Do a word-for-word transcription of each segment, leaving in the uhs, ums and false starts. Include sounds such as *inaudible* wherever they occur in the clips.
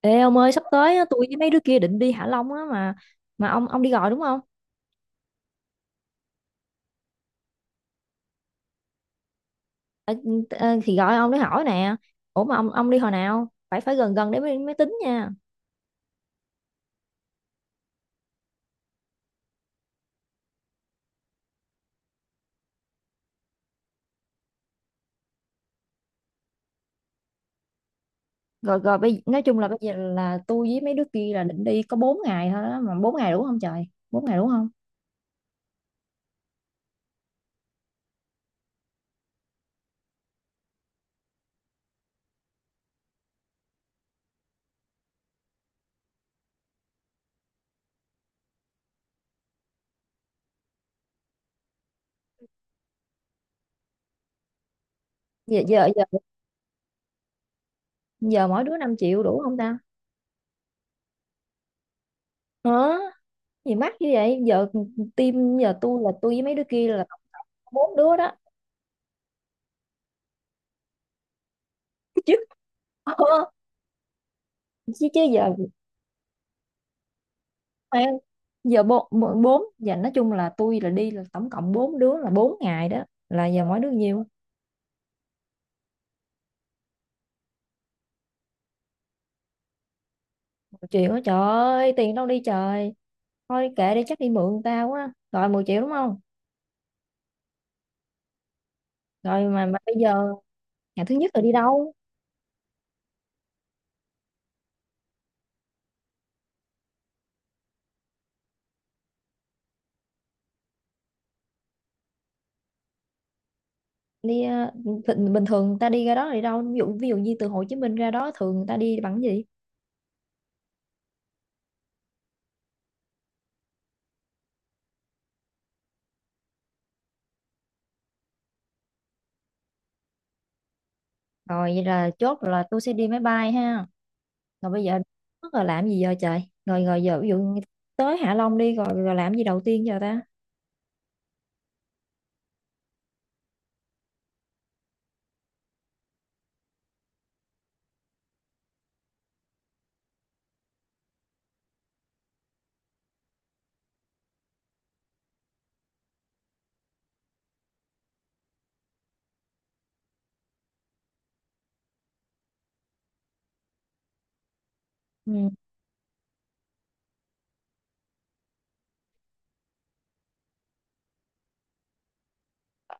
Ê ông ơi sắp tới á, tôi với mấy đứa kia định đi Hạ Long á mà mà ông ông đi gọi đúng không? Ờ, ờ, thì gọi ông để hỏi nè. Ủa mà ông ông đi hồi nào? Phải phải gần gần để mới, mới tính nha. Rồi, rồi, bây nói chung là bây giờ là tôi với mấy đứa kia là định đi có bốn ngày thôi đó, mà bốn ngày đủ không trời? Bốn ngày đủ không? Giờ giờ giờ giờ mỗi đứa năm triệu đủ không ta? Hả? Gì mắc như vậy? Giờ team, giờ tôi là tôi với mấy đứa kia là tổng cộng có bốn đứa đó *laughs* chứ. Ờ, chứ chứ giờ. Phải không? Giờ bốn bốn bốn- giờ nói chung là tôi là đi là tổng cộng bốn đứa là bốn ngày đó, là giờ mỗi đứa nhiêu một triệu á, trời ơi tiền đâu đi trời. Thôi kệ đi, chắc đi mượn tao quá, rồi mười triệu đúng không? Rồi, mà, mà bây giờ ngày thứ nhất là đi đâu? Đi, ờ, bình bình thường người ta đi ra đó là đi đâu, ví dụ ví dụ như từ Hồ Chí Minh ra đó thường người ta đi bằng cái gì? Rồi vậy là chốt là tôi sẽ đi máy bay ha. Rồi bây giờ mất rồi làm gì giờ trời, rồi rồi giờ ví dụ như tới Hạ Long đi rồi rồi làm gì đầu tiên giờ ta? Ừ.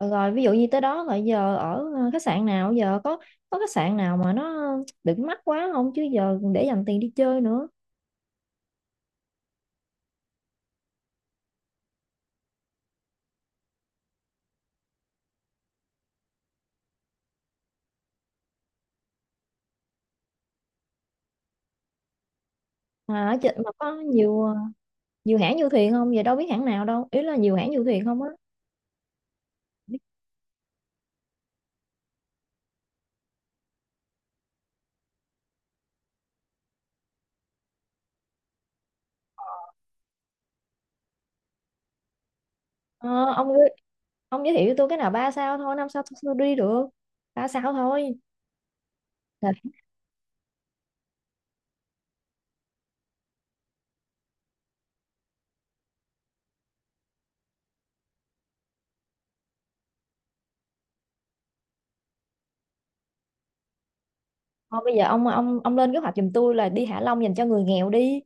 Rồi ví dụ như tới đó rồi giờ ở, ờ, khách sạn nào, giờ có có khách sạn nào mà nó đừng mắc quá không, chứ giờ để dành tiền đi chơi nữa. Mà ở trên mà có nhiều, ờ, nhiều hãng du thuyền không, giờ đâu biết hãng nào đâu, ý là nhiều hãng du thuyền không á. ờ, ông ơi, ông giới thiệu cho tôi cái nào ba sao thôi, năm sao tôi tôi đi được, ba sao thôi. Rồi, thôi bây giờ ông ông ông lên kế hoạch giùm tôi là đi Hạ Long dành cho người nghèo đi.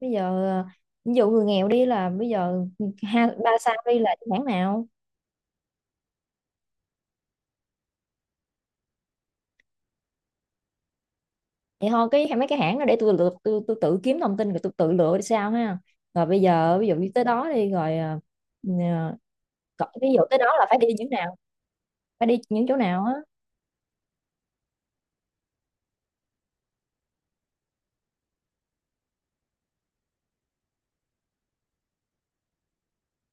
Bây giờ ờ, ví dụ người nghèo đi là bây giờ, ừ, ha, ba sao đi là hãng nào? Vậy thôi cái mấy cái hãng đó để tôi lựa, tôi, tôi tự kiếm thông tin rồi tôi tự lựa sao ha. Rồi bây giờ ví dụ như tới đó đi rồi, ờ, ờ, cỡ- ví dụ tới đó là phải đi những nào, phải đi những chỗ nào á?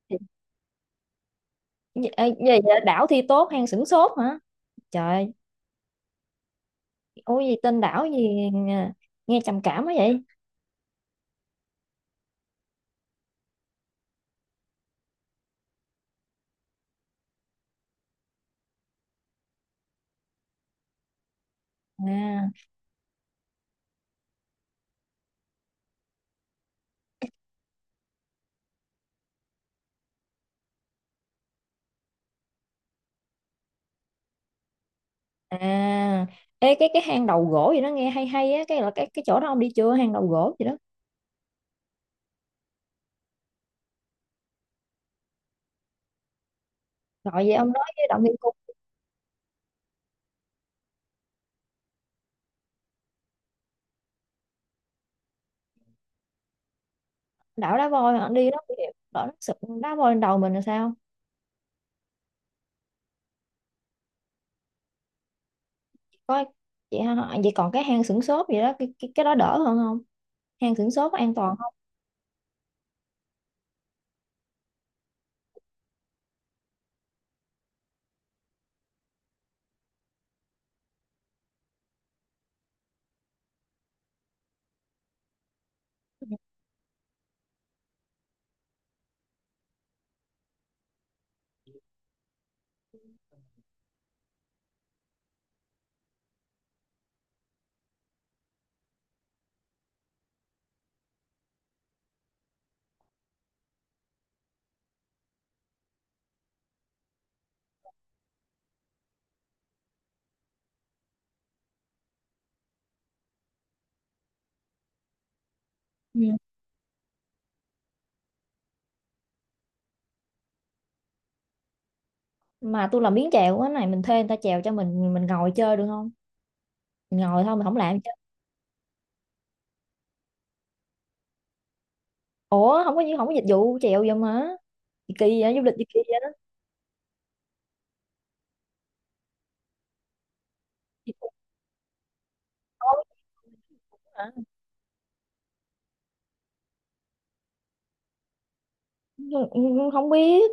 Thì- Ê, về đảo thi tốt hang sửng sốt hả? Trời ôi gì tên đảo gì, nghe nghe trầm cảm quá vậy. À. À. Ê, cái cái hang đầu gỗ gì đó nghe hay hay á, cái là cái cái chỗ đó ông đi chưa, hang đầu gỗ gì đó? Rồi vậy ông nói với động viên cung. Đảo đá voi hả? Ông đi đó bị- đổ nó sụp, đá voi lên đầu mình là sao? Có chị ha. Vậy còn cái hang xửng xốp vậy đó, cái, cái cái đó đỡ hơn không, hang xửng xốp có an toàn không? Ừ. Mà tôi làm biến chèo á này, mình thuê người ta chèo cho mình mình ngồi chơi được không? Mình ngồi thôi, mình không làm chứ. Ủa không có không có dịch vụ chèo vậy mà. Gì kỳ vậy, du lịch gì kỳ vậy đó. Thì tôi nói. Hả? Không, không biết.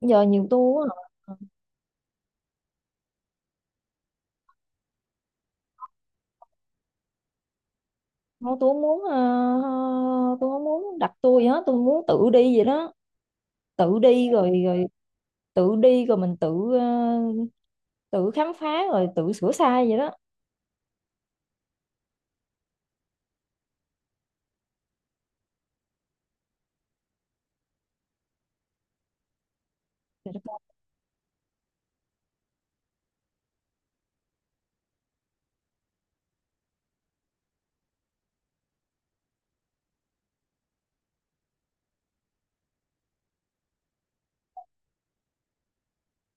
Giờ nhiều tour á. Không, tôi không muốn, ờ, tôi không muốn đặt tour gì hết, tôi muốn tự đi vậy đó. Tự đi rồi rồi tự đi rồi mình tự ờ, tự khám phá rồi tự sửa sai vậy đó. Trời đất ơi.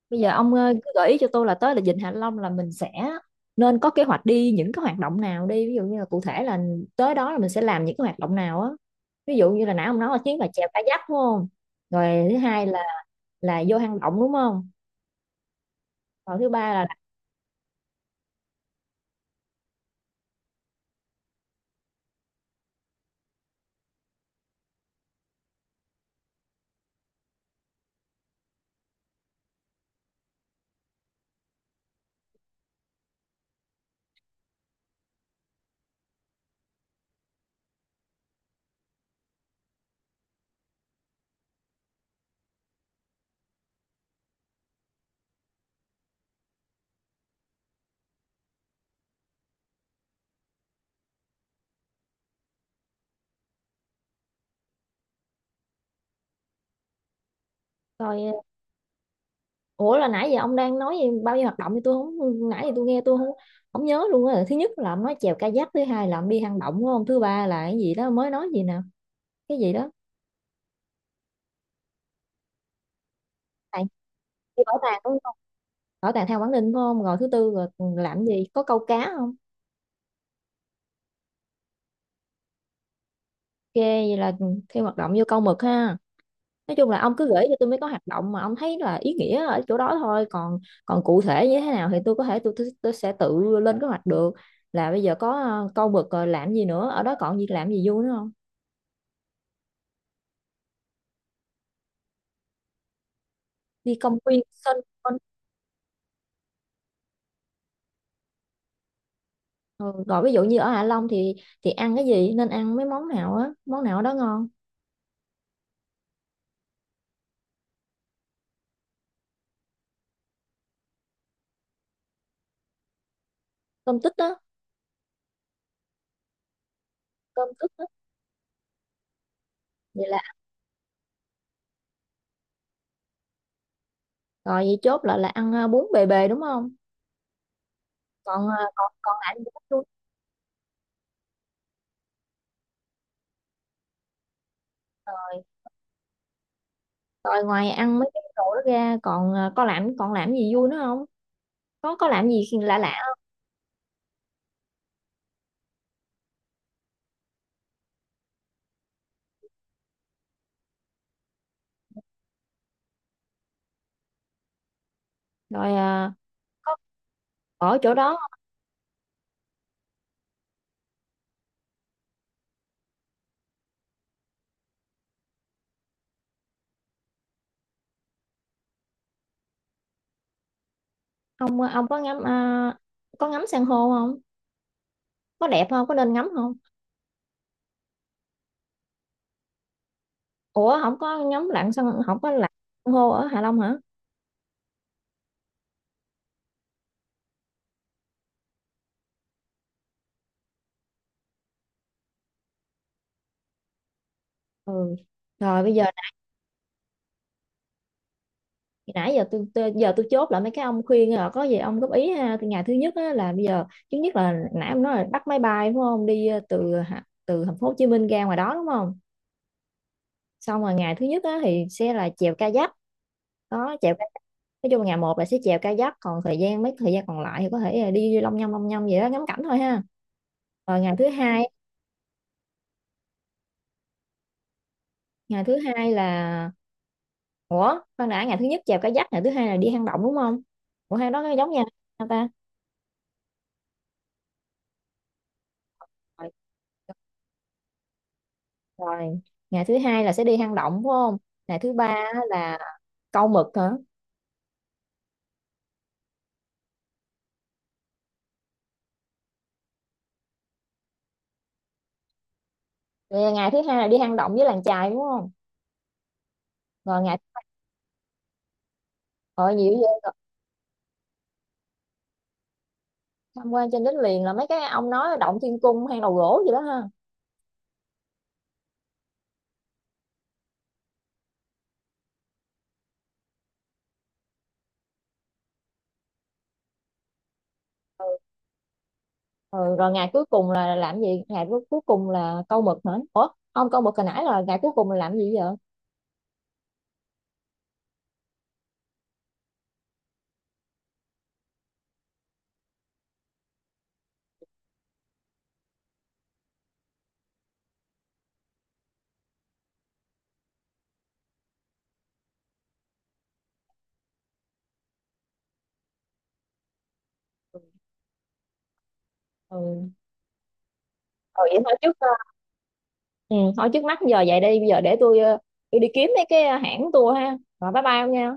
Bây giờ ông, ờ, cứ gợi ý cho tôi là tới là Vịnh Hạ Long là mình sẽ nên có kế hoạch đi những cái hoạt động nào đi, ví dụ như là cụ thể là tới đó là mình sẽ làm những cái hoạt động nào á, ví dụ như là nãy ông nói là chuyến là chèo kayak đúng không? Rồi thứ hai là là vô hang động đúng không? Rồi thứ ba là đặt coi, ờ, ủa là nãy giờ ông đang nói gì, bao nhiêu hoạt động thì tôi không, nãy giờ tôi nghe tôi không không nhớ luôn á. Thứ nhất là ông nói chèo kayak, thứ hai là ông đi hang động đúng không, thứ ba là cái gì đó mới nói gì nè, cái gì đó. Tại đi bảo tàng đúng không, bảo tàng theo Quảng Ninh phải không, rồi thứ tư là làm gì, có câu cá không? Ok vậy là thêm hoạt động vô câu mực ha. Nói chung là ông cứ gửi cho tôi mấy có hoạt động mà ông thấy là ý nghĩa ở chỗ đó thôi, còn còn cụ thể như thế nào thì tôi có thể, tôi, tôi, tôi sẽ tự lên kế hoạch được. Là bây giờ có, ờ, câu mực rồi làm gì nữa ở đó, còn gì làm gì vui nữa không? Đi công viên sân vân. Ừ, rồi ví dụ như ở Hạ Long thì thì ăn cái gì, nên ăn mấy món nào á, món nào đó ngon? Cơm tích á. Cơm tích á. Vậy là. Rồi vậy chốt lại là ăn, à, bún bề bề đúng không? Còn, à, còn còn lại thì bún luôn. Rồi, rồi ngoài ăn mấy cái đồ đó ra còn, à, có làm, còn làm gì vui nữa không? Có có làm gì lạ lạ không? Rồi, à, có ở chỗ đó. Ông ông có ngắm, à, có ngắm san hô không, có đẹp không, có nên ngắm không? Ủa không có ngắm lặn san, không có lặn san hô ở Hạ Long hả? Ừ, rồi bây giờ nãy giờ tôi, tôi giờ tôi chốt lại mấy cái ông khuyên rồi có gì ông góp ý ha. Từ ngày thứ nhất á, là bây giờ thứ nhất là nãy ông nói là bắt máy bay đúng không, đi, ờ, từ Hà- từ thành phố Hồ Chí Minh ra ngoài đó đúng không. Xong rồi ngày thứ nhất á, thì sẽ là chèo kayak, đó chèo kayak. Nói chung là ngày một là sẽ chèo kayak, còn thời gian mấy thời gian còn lại thì có thể là đi long nhông long nhông vậy đó, ngắm cảnh thôi ha. Rồi ngày thứ hai, ngày thứ hai là ủa khoan đã, ngày thứ nhất chèo kayak, ngày thứ hai là đi hang động đúng không, ủa hang đó nó giống nhau hả ta? Rồi. Rồi. Ngày thứ hai là sẽ đi hang động đúng không, ngày thứ ba á là câu mực hả? Rồi ngày thứ hai là đi hang động với làng chài đúng không, rồi ngày, rồi nhiều vậy rồi. Tham quan trên đất liền là mấy cái ông nói động thiên cung hang đầu gỗ gì đó ha. Ừ, rồi ngày cuối cùng là làm gì, ngày cuối cuối cùng là câu mực hả, ủa không câu mực hồi nãy, là ngày cuối cùng là làm gì vậy? Ừ, rồi vậy thôi trước ờ, ừ, thôi trước mắt giờ vậy đi, bây giờ để tôi ờ, tôi đi kiếm mấy cái, ờ, hãng tour ha, rồi bye bye ông nha.